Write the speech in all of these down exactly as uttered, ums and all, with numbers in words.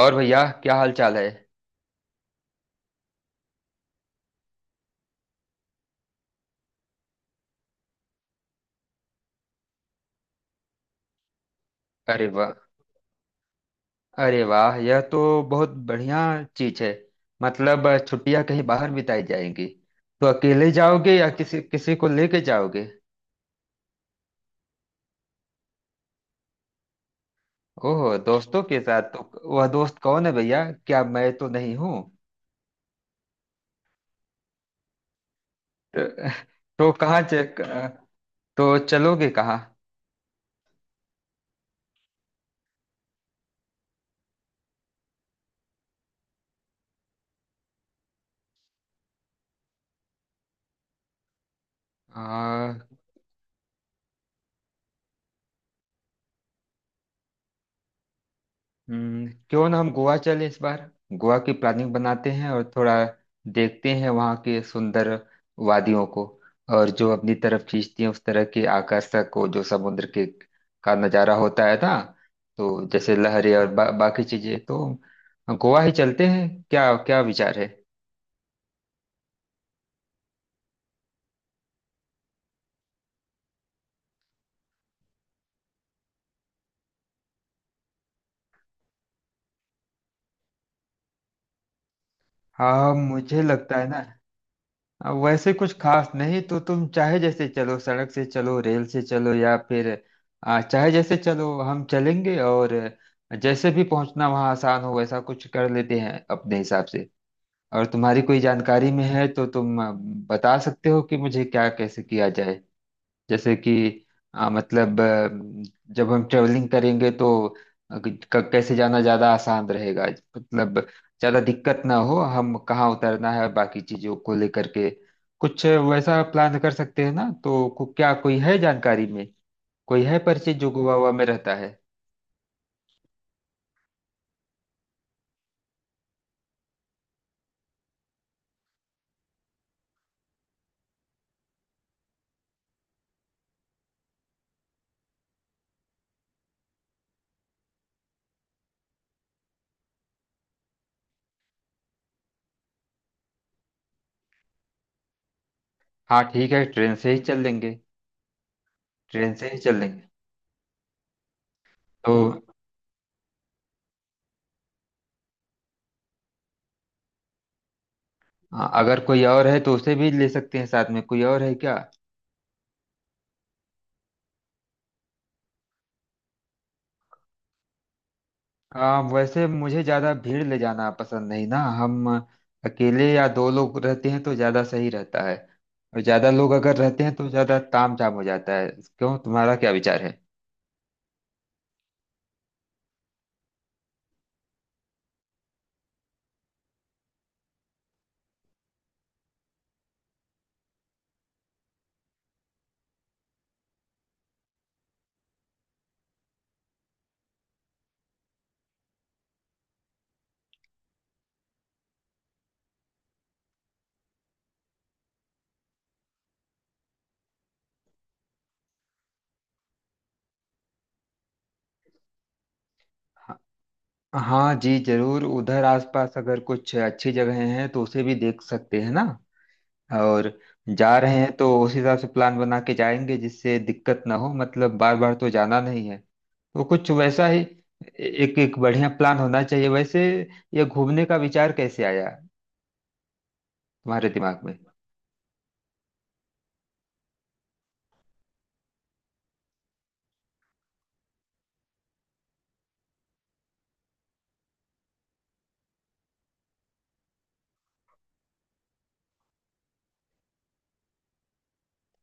और भैया, क्या हाल चाल है? अरे वाह। अरे वाह, यह तो बहुत बढ़िया चीज है। मतलब अ, छुट्टियां कहीं बाहर बिताई जाएंगी। तो अकेले जाओगे या किसी किसी को लेके जाओगे? ओह, दोस्तों के साथ। तो वह दोस्त कौन है भैया, क्या मैं तो नहीं हूँ? तो, तो कहाँ च- क- तो चलोगे? कहाँ? हम्म क्यों ना हम गोवा चलें इस बार। गोवा की प्लानिंग बनाते हैं और थोड़ा देखते हैं वहाँ के सुंदर वादियों को, और जो अपनी तरफ खींचती हैं उस तरह के आकर्षक को, जो समुद्र के का नज़ारा होता है ना। तो जैसे लहरें और बा, बाकी चीजें, तो गोवा ही चलते हैं। क्या क्या विचार है? हाँ मुझे लगता है ना। अब वैसे कुछ खास नहीं, तो तुम चाहे जैसे चलो, सड़क से चलो, रेल से चलो, या फिर आ, चाहे जैसे चलो, हम चलेंगे। और जैसे भी पहुंचना वहां आसान हो, वैसा कुछ कर लेते हैं अपने हिसाब से। और तुम्हारी कोई जानकारी में है तो तुम आ, बता सकते हो कि मुझे क्या कैसे किया जाए। जैसे कि आ, मतलब अ, जब हम ट्रेवलिंग करेंगे तो अ, क- कैसे जाना ज़्यादा आसान रहेगा। मतलब ज़्यादा दिक्कत ना हो, हम कहाँ उतरना है और बाकी चीज़ों को लेकर के कुछ वैसा प्लान कर सकते हैं ना। तो को, क्या कोई है जानकारी में, कोई है परिचित जो गोवा हुआ में रहता है? हाँ ठीक है, ट्रेन से ही चल लेंगे। ट्रेन से ही चल लेंगे तो। हाँ, अगर कोई और है तो उसे भी ले सकते हैं साथ में, कोई और है क्या? हाँ वैसे मुझे ज्यादा भीड़ ले जाना पसंद नहीं ना, हम अकेले या दो लोग रहते हैं तो ज्यादा सही रहता है। और ज्यादा लोग अगर रहते हैं तो ज्यादा तामझाम हो जाता है। क्यों, तुम्हारा क्या विचार है? हाँ जी जरूर, उधर आसपास अगर कुछ अच्छी जगहें हैं तो उसे भी देख सकते हैं ना। और जा रहे हैं तो उस हिसाब से प्लान बना के जाएंगे जिससे दिक्कत ना हो, मतलब बार बार तो जाना नहीं है। तो कुछ वैसा ही एक एक बढ़िया प्लान होना चाहिए वैसे। ये घूमने का विचार कैसे आया तुम्हारे दिमाग में?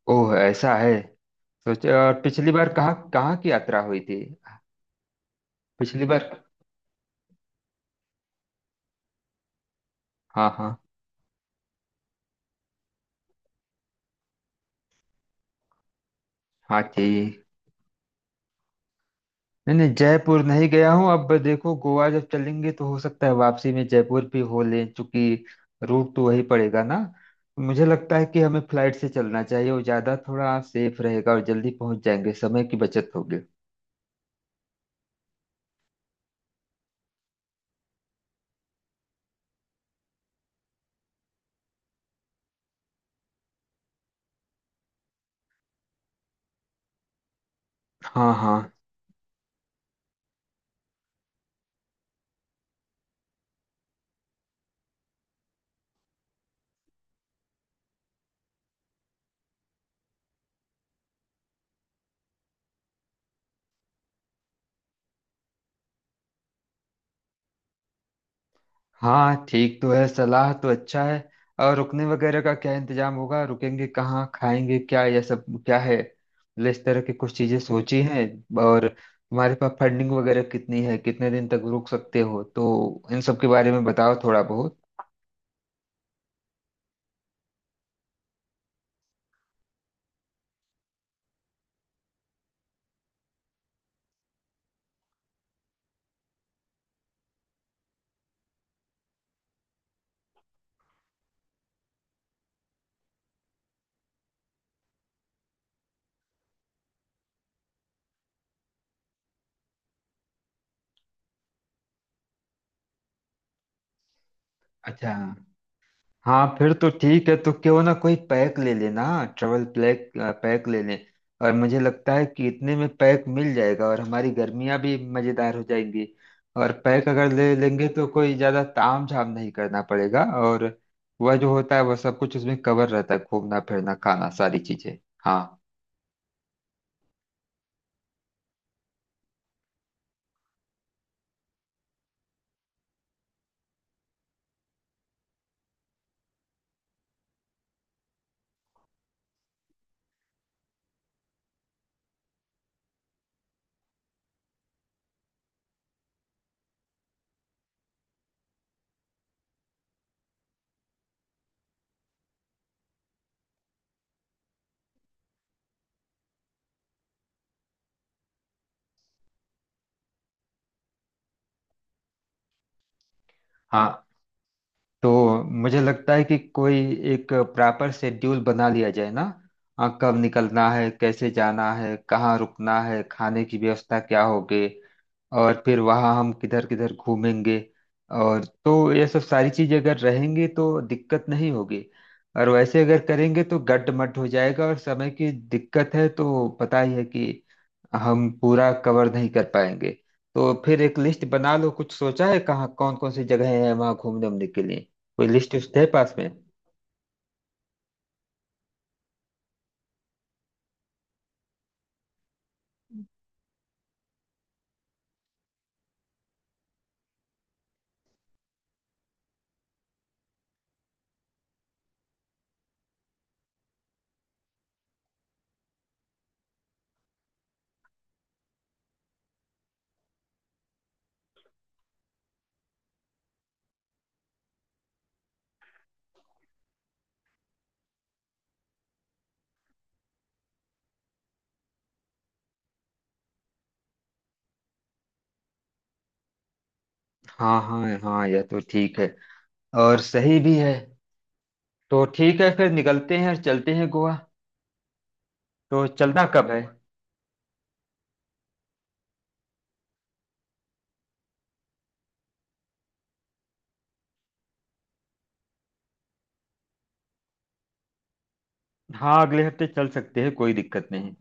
ओह ऐसा है। सोचो, और पिछली बार कहाँ कहाँ की यात्रा हुई थी? पिछली बार। हाँ हाँ। हाँ ठीक। नहीं नहीं, जयपुर नहीं गया हूँ, अब देखो गोवा जब चलेंगे तो हो सकता है वापसी में जयपुर भी हो लें, क्योंकि रूट तो वही पड़ेगा ना। मुझे लगता है कि हमें फ्लाइट से चलना चाहिए, वो ज्यादा थोड़ा सेफ रहेगा और जल्दी पहुंच जाएंगे, समय की बचत होगी। हाँ हाँ हाँ, ठीक तो है, सलाह तो अच्छा है। और रुकने वगैरह का क्या इंतजाम होगा, रुकेंगे कहाँ, खाएंगे क्या, यह सब क्या है, मतलब इस तरह की कुछ चीजें सोची हैं? और तुम्हारे पास फंडिंग वगैरह कितनी है, कितने दिन तक रुक सकते हो, तो इन सब के बारे में बताओ थोड़ा बहुत। अच्छा। हाँ फिर तो ठीक है, तो क्यों ना कोई पैक ले लेना, ट्रेवल पैक, पैक ले लें। और मुझे लगता है कि इतने में पैक मिल जाएगा और हमारी गर्मियाँ भी मज़ेदार हो जाएंगी। और पैक अगर ले लेंगे तो कोई ज़्यादा ताम झाम नहीं करना पड़ेगा, और वह जो होता है वह सब कुछ उसमें कवर रहता है, घूमना फिरना खाना सारी चीज़ें। हाँ। हाँ तो मुझे लगता है कि कोई एक प्रॉपर शेड्यूल बना लिया जाए ना। हाँ, कब निकलना है, कैसे जाना है, कहाँ रुकना है, खाने की व्यवस्था क्या होगी, और फिर वहाँ हम किधर किधर घूमेंगे। और तो ये सब सारी चीजें अगर रहेंगी तो दिक्कत नहीं होगी। और वैसे अगर करेंगे तो गड्ड मड हो जाएगा और समय की दिक्कत है तो पता ही है कि हम पूरा कवर नहीं कर पाएंगे। तो फिर एक लिस्ट बना लो, कुछ सोचा है कहाँ कौन कौन सी जगह है वहाँ घूमने उमने के लिए, कोई लिस्ट उस्ट है पास में? हाँ हाँ हाँ, यह तो ठीक है और सही भी है। तो ठीक है फिर, निकलते हैं और चलते हैं गोवा। तो चलना कब है? हाँ अगले हफ्ते चल सकते हैं, कोई दिक्कत नहीं।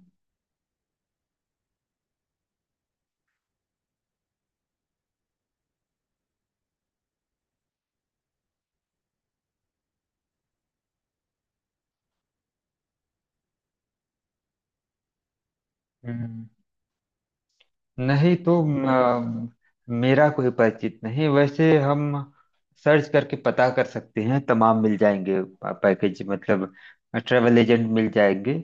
हम्म नहीं तो। अम, मेरा कोई परिचित नहीं, वैसे हम सर्च करके पता कर सकते हैं, तमाम मिल जाएंगे पैकेज, मतलब ट्रैवल एजेंट मिल जाएंगे।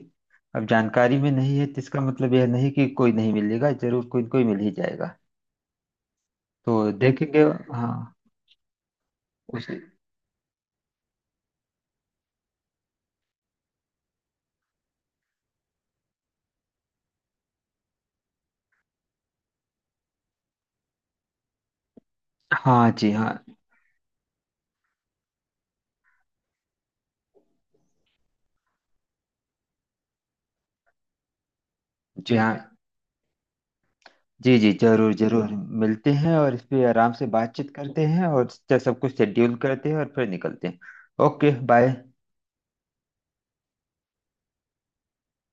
अब जानकारी में नहीं है तो इसका मतलब यह नहीं कि कोई नहीं मिलेगा, जरूर कोई न कोई मिल ही जाएगा, तो देखेंगे। हाँ उस हाँ, जी हाँ। जी हाँ, जी जी जरूर जरूर। मिलते हैं और इस पे आराम से बातचीत करते हैं और सब कुछ शेड्यूल करते हैं और फिर निकलते हैं। Okay bye.